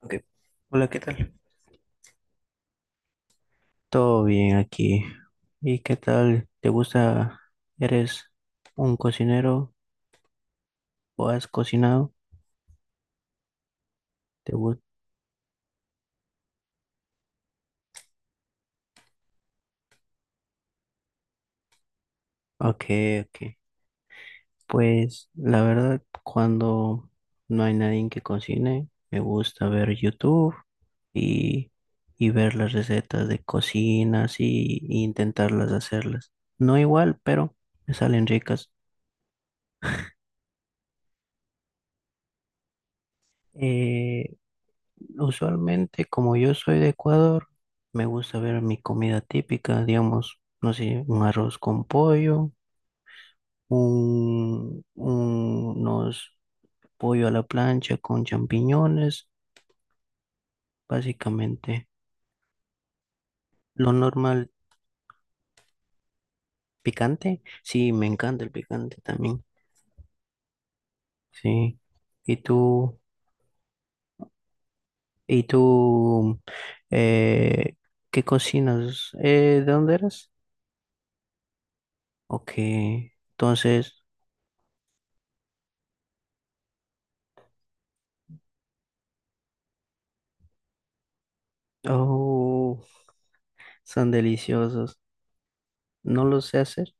Ok. Hola, ¿qué tal? Todo bien aquí. ¿Y qué tal? ¿Te gusta? ¿Eres un cocinero o has cocinado? ¿Te gusta? Ok, ok. Pues la verdad, cuando no hay nadie que cocine, me gusta ver YouTube y, y ver las recetas de cocinas y intentarlas hacerlas. No igual, pero me salen ricas. Eh, Usualmente, como yo soy de Ecuador, me gusta ver mi comida típica, digamos, no sé, un arroz con pollo, unos pollo a la plancha con champiñones, básicamente. Lo normal, picante, sí, me encanta el picante también, sí. ¿Y tú, y tú, eh, qué cocinas? ¿De dónde eres? Ok, entonces, oh. Son deliciosos. No lo sé hacer,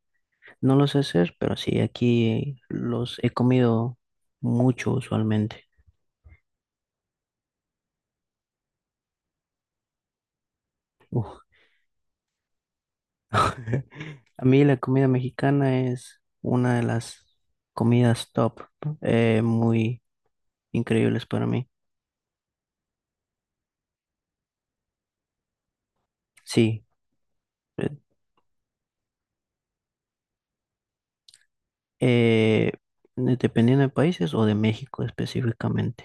no lo sé hacer, pero sí, aquí los he comido mucho usualmente. Uf. A mí la comida mexicana es una de las comidas top, muy increíbles para mí. Sí, eh, eh, dependiendo de países o de México específicamente.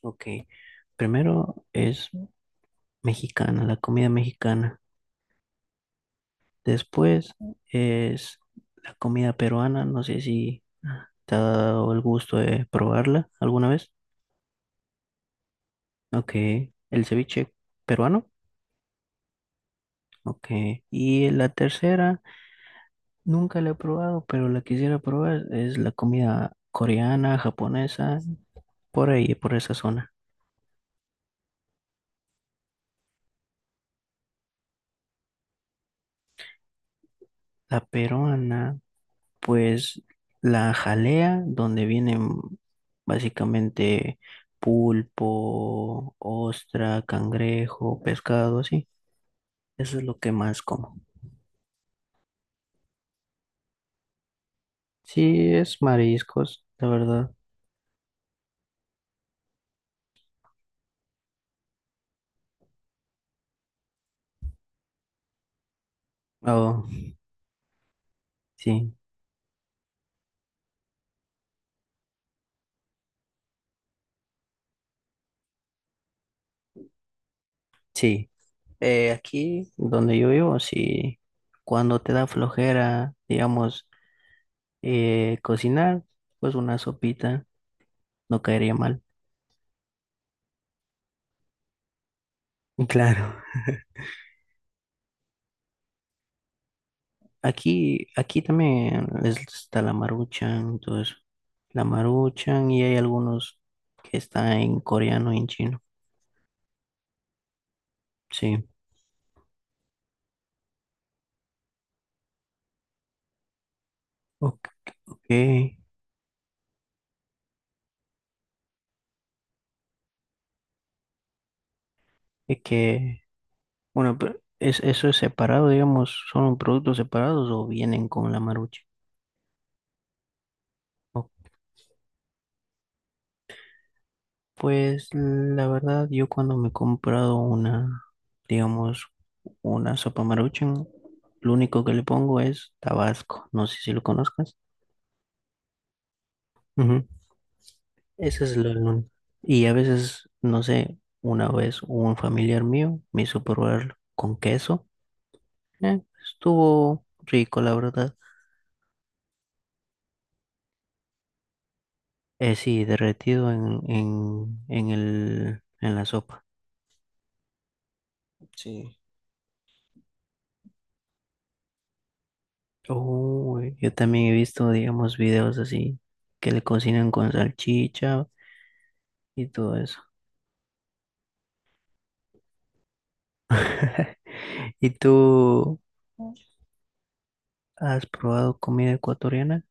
Ok, primero es mexicana, la comida mexicana. Después es la comida peruana. No sé si te ha dado el gusto de probarla alguna vez. Ok. El ceviche peruano. Ok. Y la tercera, nunca la he probado, pero la quisiera probar. Es la comida coreana, japonesa, por ahí, por esa zona. La peruana, pues la jalea, donde vienen básicamente pulpo, ostra, cangrejo, pescado, así. Eso es lo que más como. Sí, es mariscos, la verdad. Oh, sí, sí. Aquí donde yo vivo, sí, cuando te da flojera, digamos, cocinar, pues una sopita no caería mal. Y claro. Aquí también está la maruchan, entonces la maruchan y hay algunos que están en coreano y en chino. Sí. Ok. Es que Bueno, pero ¿es, eso es separado, digamos, son productos separados o vienen con la marucha? O- Pues la verdad, yo cuando me he comprado una, digamos, una sopa maruchan, lo único que le pongo es tabasco, no sé si lo conozcas. Ujú. Ese es lo único. Y a veces, no sé, una vez un familiar mío me hizo probarlo con queso. Estuvo rico, la verdad. Sí, derretido en en la sopa. Sí. Uy, yo también he visto, digamos, videos así que le cocinan con salchicha y todo eso. ¿Y tú has probado comida ecuatoriana?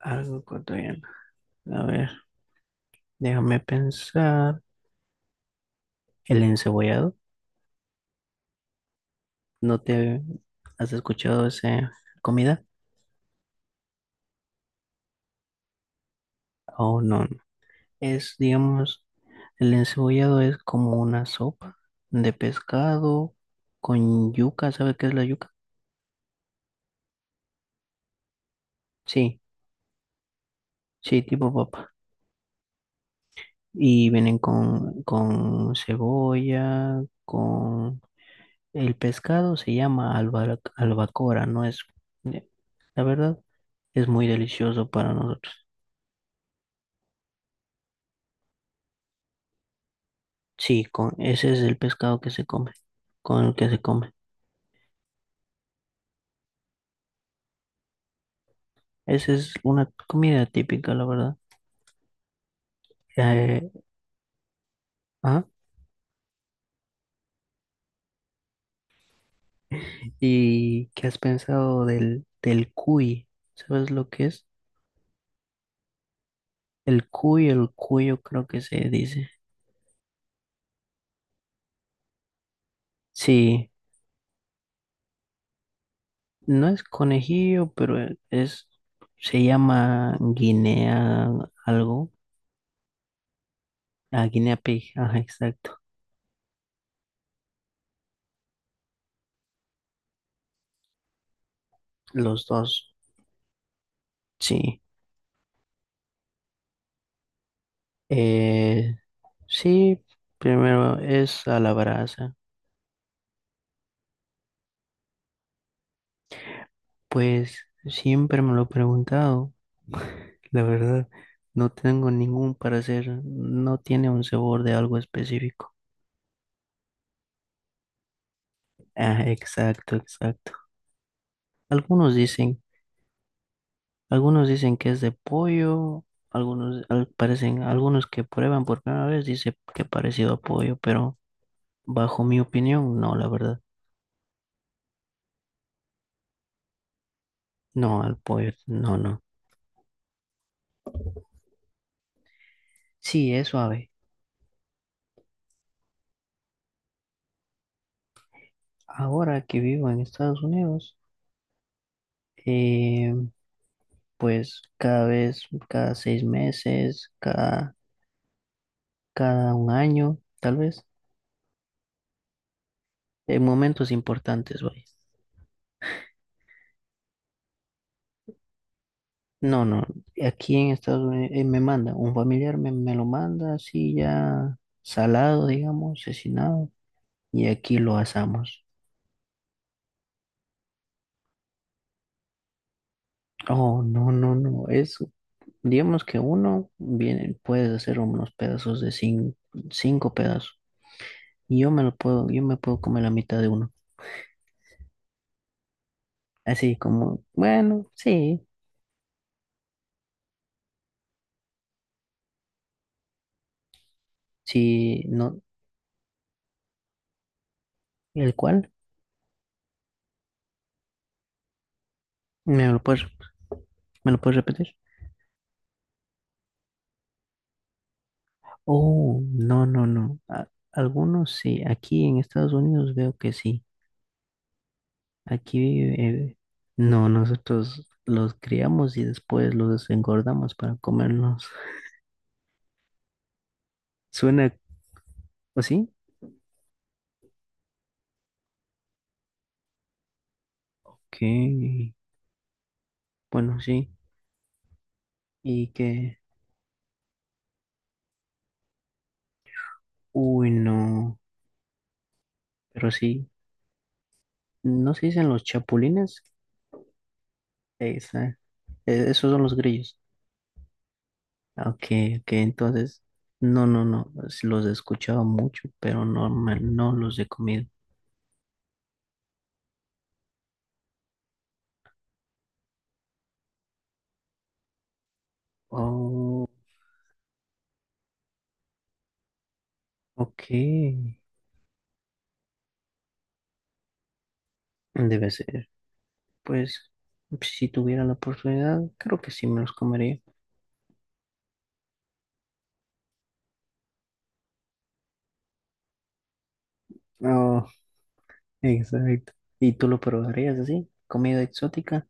Algo ecuatoriano. A ver, déjame pensar. ¿El encebollado? ¿No te has escuchado esa comida? Oh, no, no. Es, digamos, el encebollado es como una sopa de pescado con yuca. ¿Sabe qué es la yuca? Sí, sí, tipo papa. Y vienen con cebolla, con... El pescado se llama albacora, no es... eh, la verdad, es muy delicioso para nosotros. Sí, con, ese es el pescado que se come, con el que se come. Esa es una comida típica, la verdad. Eh, ah, ¿Y qué has pensado del, del cuy? ¿Sabes lo que es? El cuy, el cuyo creo que se dice. Sí. No es conejillo, pero es, se llama Guinea algo. Ah, Guinea Pig, ajá, exacto. Los dos, sí. Eh, sí, primero es a la brasa. Pues siempre me lo he preguntado, la verdad. No tengo ningún parecer, no tiene un sabor de algo específico. Ah, exacto, exacto. Algunos dicen algunos dicen que es de pollo, algunos parecen, algunos que prueban por primera vez dice que parecido a pollo, pero bajo mi opinión, no, la verdad. No, al pollo, no, no. Sí, es suave. Ahora que vivo en Estados Unidos, eh, pues cada vez, cada 6 meses, cada un año, tal vez, en momentos importantes, vaya. No, no, aquí en Estados Unidos me manda, un familiar me lo manda así ya salado, digamos, asesinado, y aquí lo asamos. Oh, no, no, no, eso. Digamos que uno viene, puedes hacer unos pedazos de cinco pedazos, y yo me lo puedo, yo me puedo comer la mitad de uno. Así como, bueno, sí, sí, no, ¿el cual? ¿Me lo puedes, me lo puedes repetir? Oh, no, no, no. Algunos sí, aquí en Estados Unidos veo que sí. Aquí, no, nosotros los criamos y después los engordamos para comernos. Suena así, que, bueno, sí, y que, uy, no, pero sí, ¿no se dicen los chapulines? Esa, esos son los grillos. Ah, ok, ok, entonces, no, no, no, los he escuchado mucho, pero no, no los he comido. Oh, ok, debe ser. Pues si tuviera la oportunidad, creo que sí me los comería. Oh, exacto. ¿Y tú lo probarías así? ¿Comida exótica?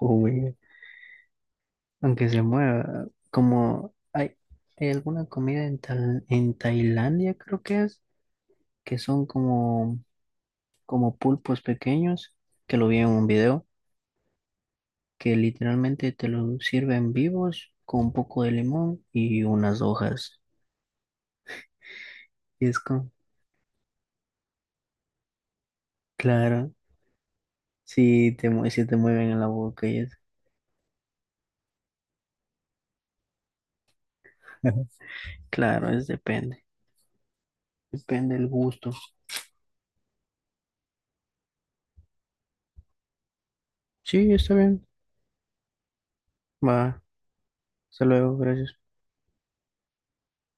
Uy, aunque se mueva, como hay alguna comida en, en Tailandia, creo que es, que son como, como pulpos pequeños, que lo vi en un video, que literalmente te lo sirven vivos con un poco de limón y unas hojas. Y es como, claro, si te, sí te mueven en la boca y eso. Claro, es depende. Depende el gusto. Sí, está bien. Va. Hasta luego, gracias.